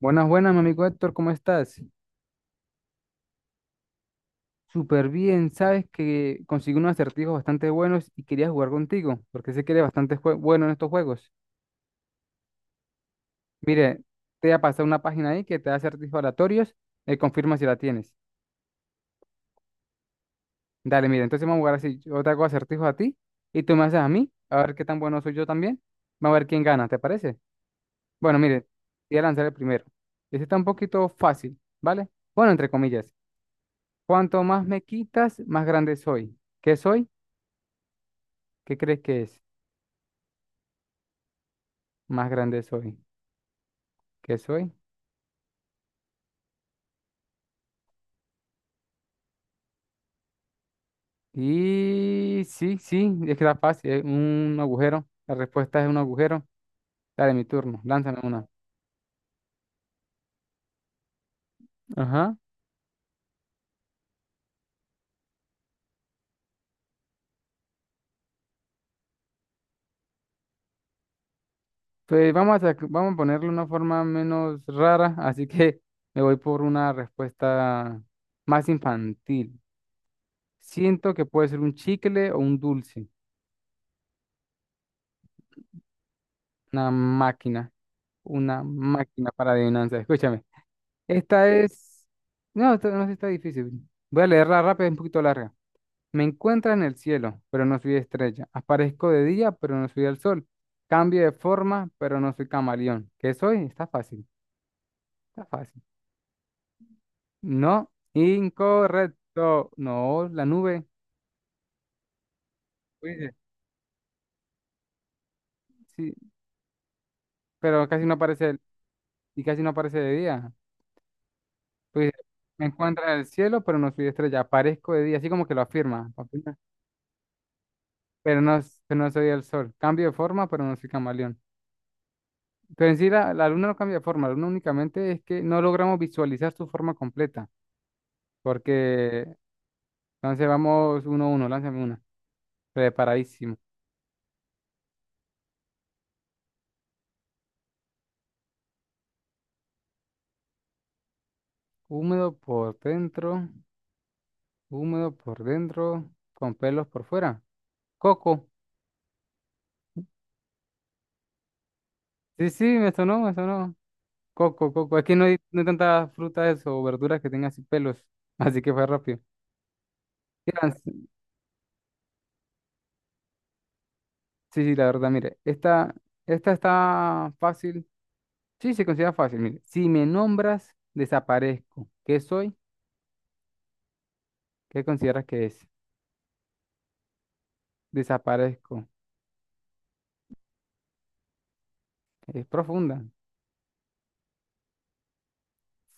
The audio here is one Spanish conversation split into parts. Buenas, buenas, mi amigo Héctor, ¿cómo estás? Súper bien, sabes que conseguí unos acertijos bastante buenos y quería jugar contigo, porque sé que eres bastante bueno en estos juegos. Mire, te voy a pasar una página ahí que te da acertijos aleatorios, confirma si la tienes. Dale, mira, entonces vamos a jugar así, yo te hago acertijos a ti y tú me haces a mí, a ver qué tan bueno soy yo también. Vamos a ver quién gana, ¿te parece? Bueno, mire, voy a lanzar el primero. Este está un poquito fácil, ¿vale? Bueno, entre comillas, cuanto más me quitas, más grande soy. ¿Qué soy? ¿Qué crees que es? Más grande soy, ¿qué soy? Y sí, sí, es que está fácil, es un agujero. La respuesta es un agujero. Dale, mi turno, lánzame una. Ajá. Pues vamos a ponerle una forma menos rara, así que me voy por una respuesta más infantil. Siento que puede ser un chicle o un dulce, una máquina, una máquina para adivinanza. Escúchame. Esta es... No, esta no sí está difícil. Voy a leerla rápido, es un poquito larga. Me encuentra en el cielo, pero no soy estrella. Aparezco de día, pero no soy el sol. Cambio de forma, pero no soy camaleón. ¿Qué soy? Está fácil, está fácil. No, incorrecto. No, la nube. Pues, sí, pero casi no aparece y casi no aparece de día. Pues, me encuentra en el cielo, pero no soy estrella. Aparezco de día, así como que lo afirma, afirma, pero no soy el sol. Cambio de forma, pero no soy camaleón. Pero en sí la luna no cambia de forma, la luna únicamente es que no logramos visualizar su forma completa. Porque, entonces vamos uno a uno, lánzame una. Preparadísimo. Húmedo por dentro, húmedo por dentro, con pelos por fuera. Coco. Sí, sí, me sonó, me sonó. Coco, coco. Es que no hay tantas frutas o verduras que tengan así pelos. Así que fue rápido. Mira, sí, sí, la verdad, mire. Esta está fácil. Sí, se considera fácil. Mire, si me nombras, desaparezco. ¿Qué soy? ¿Qué consideras que es? Desaparezco. Es profunda.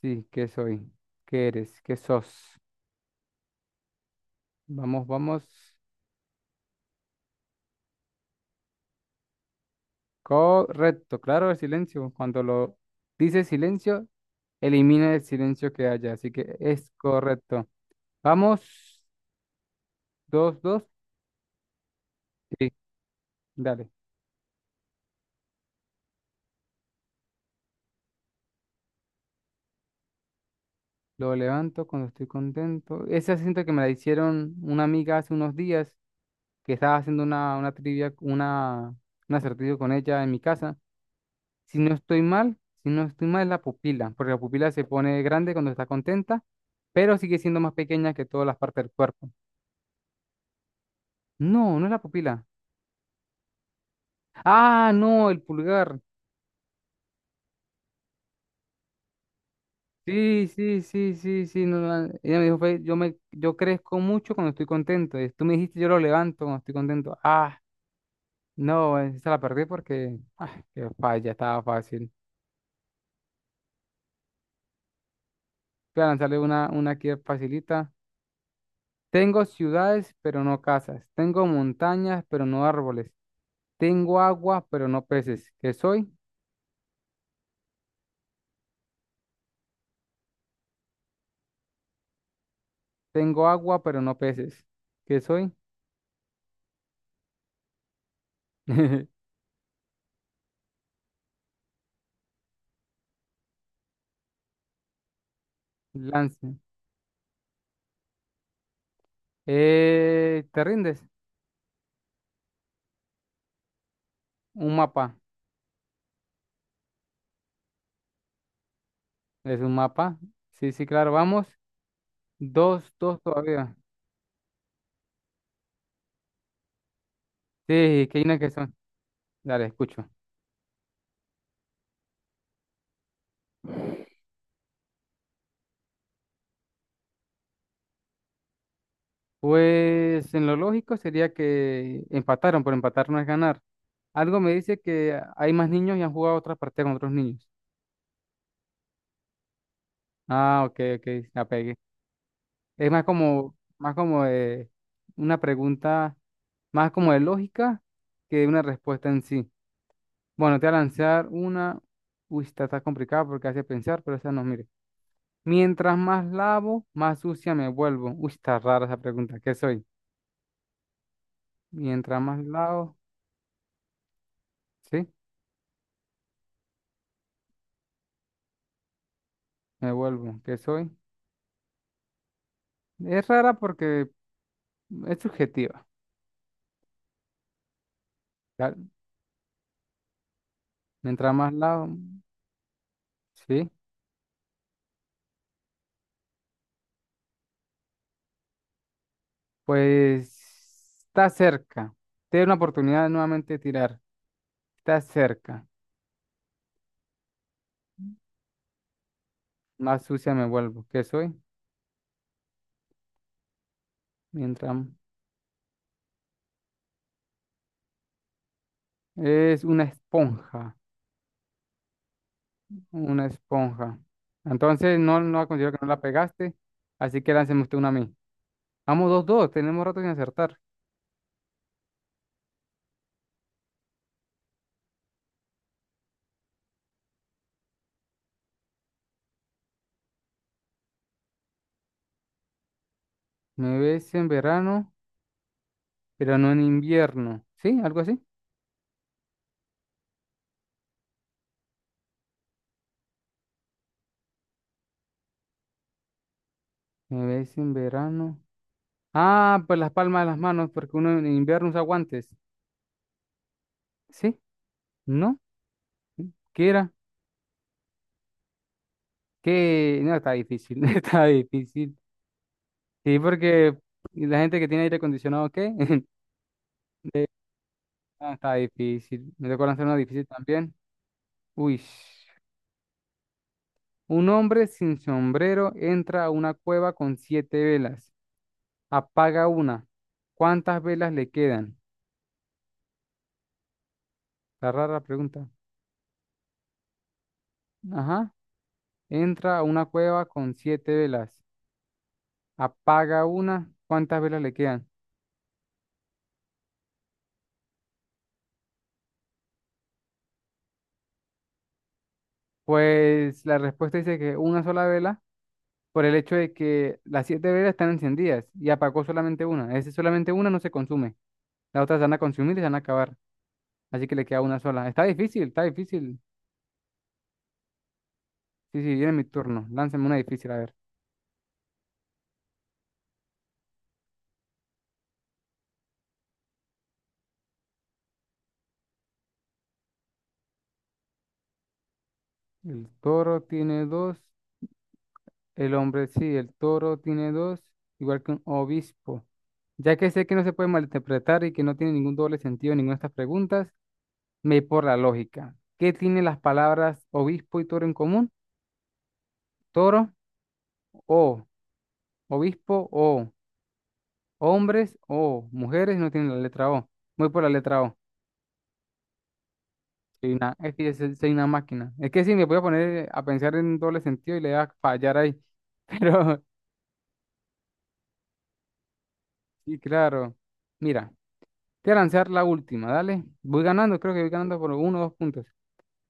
Sí, ¿qué soy? ¿Qué eres? ¿Qué sos? Vamos, vamos. Correcto, claro, el silencio. Cuando lo dice silencio, elimina el silencio que haya. Así que es correcto. Vamos, dos, dos. Sí, dale. Lo levanto cuando estoy contento. Esa siento que me la hicieron una amiga hace unos días que estaba haciendo una trivia, un acertijo con ella en mi casa. Si no estoy mal, si no estoy mal es la pupila, porque la pupila se pone grande cuando está contenta, pero sigue siendo más pequeña que todas las partes del cuerpo. No, no es la pupila. Ah, no, el pulgar. Sí, sí, sí, sí, sí. No, no, no. Ella me dijo, fue, yo crezco mucho cuando estoy contento. Y tú me dijiste, yo lo levanto cuando estoy contento. Ah, no, esa la perdí porque, qué falla, estaba fácil. Voy a lanzarle una aquí facilita. Tengo ciudades, pero no casas. Tengo montañas, pero no árboles. Tengo agua, pero no peces. ¿Qué soy? Tengo agua, pero no peces. ¿Qué soy? Lance. ¿Te rindes? Un mapa. Es un mapa. Sí, sí, claro. Vamos. Dos, dos todavía. Sí, que hay una que son. Dale, escucho. Pues en lo lógico sería que empataron, pero empatar no es ganar. Algo me dice que hay más niños y han jugado otras partidas con otros niños. Ah, ok, ok, la pegué. Es más como, una pregunta más como de lógica que de una respuesta en sí. Bueno, te voy a lanzar una. Uy, esta está complicada porque hace pensar, pero esa no, mire. Mientras más lavo, más sucia me vuelvo. Uy, está rara esa pregunta. ¿Qué soy? Mientras más lavo, sí, me vuelvo. ¿Qué soy? Es rara porque es subjetiva. ¿Ya? Mientras más lavo, sí. Pues está cerca. Te doy una oportunidad de nuevamente tirar. Está cerca. Más sucia me vuelvo. ¿Qué soy? Mientras. Es una esponja, una esponja. Entonces, no considero que no la pegaste, así que lánceme usted una a mí. Vamos, dos, dos, tenemos rato sin acertar. Me ves en verano, pero no en invierno. ¿Sí? ¿Algo así? Me ves en verano. Ah, pues las palmas de las manos, porque uno en invierno usa guantes. ¿Sí? ¿No? ¿Qué era? Que no, está difícil, está difícil. Sí, porque la gente que tiene aire acondicionado, ¿qué? Eh, está difícil. Me tocó lanzar una difícil también. Uy, un hombre sin sombrero entra a una cueva con siete velas, apaga una. ¿Cuántas velas le quedan? Está rara la pregunta. Ajá. Entra a una cueva con siete velas, apaga una. ¿Cuántas velas le quedan? Pues la respuesta dice que una sola vela por el hecho de que las siete velas están encendidas y apagó solamente una. Es solamente una no se consume. Las otras se van a consumir y se van a acabar. Así que le queda una sola. Está difícil, está difícil. Sí, sí, viene mi turno. Lánzame una difícil, a ver. El toro tiene dos, el hombre sí, el toro tiene dos, igual que un obispo. Ya que sé que no se puede malinterpretar y que no tiene ningún doble sentido en ninguna de estas preguntas, me voy por la lógica. ¿Qué tienen las palabras obispo y toro en común? Toro o, obispo o, hombres o, mujeres no tienen la letra O. Voy por la letra O. Es que soy una máquina. Es que si me voy a poner a pensar en doble sentido y le voy a fallar ahí, pero. Sí, claro. Mira, te voy a lanzar la última, dale. Voy ganando, creo que voy ganando por uno o dos puntos.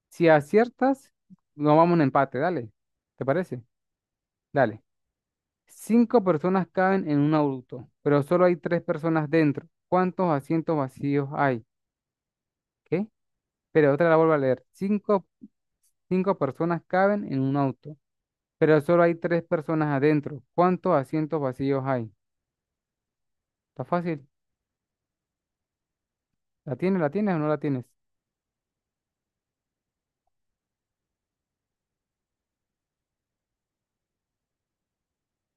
Si aciertas, nos vamos en empate, dale. ¿Te parece? Dale. Cinco personas caben en un auto, pero solo hay tres personas dentro. ¿Cuántos asientos vacíos hay? ¿Qué? Pero otra la vuelvo a leer. Cinco personas caben en un auto, pero solo hay tres personas adentro. ¿Cuántos asientos vacíos hay? Está fácil. ¿La tienes o no la tienes?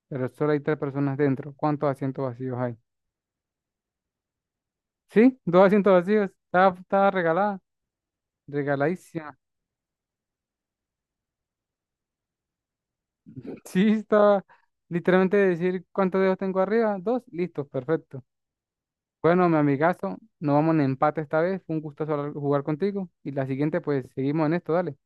Pero solo hay tres personas dentro. ¿Cuántos asientos vacíos hay? Sí, dos asientos vacíos. Estaba regalada, regaladísima. Sí, estaba literalmente decir cuántos dedos tengo arriba. Dos, listo, perfecto. Bueno, mi amigazo, nos vamos en empate esta vez. Fue un gusto jugar contigo. Y la siguiente, pues seguimos en esto, dale.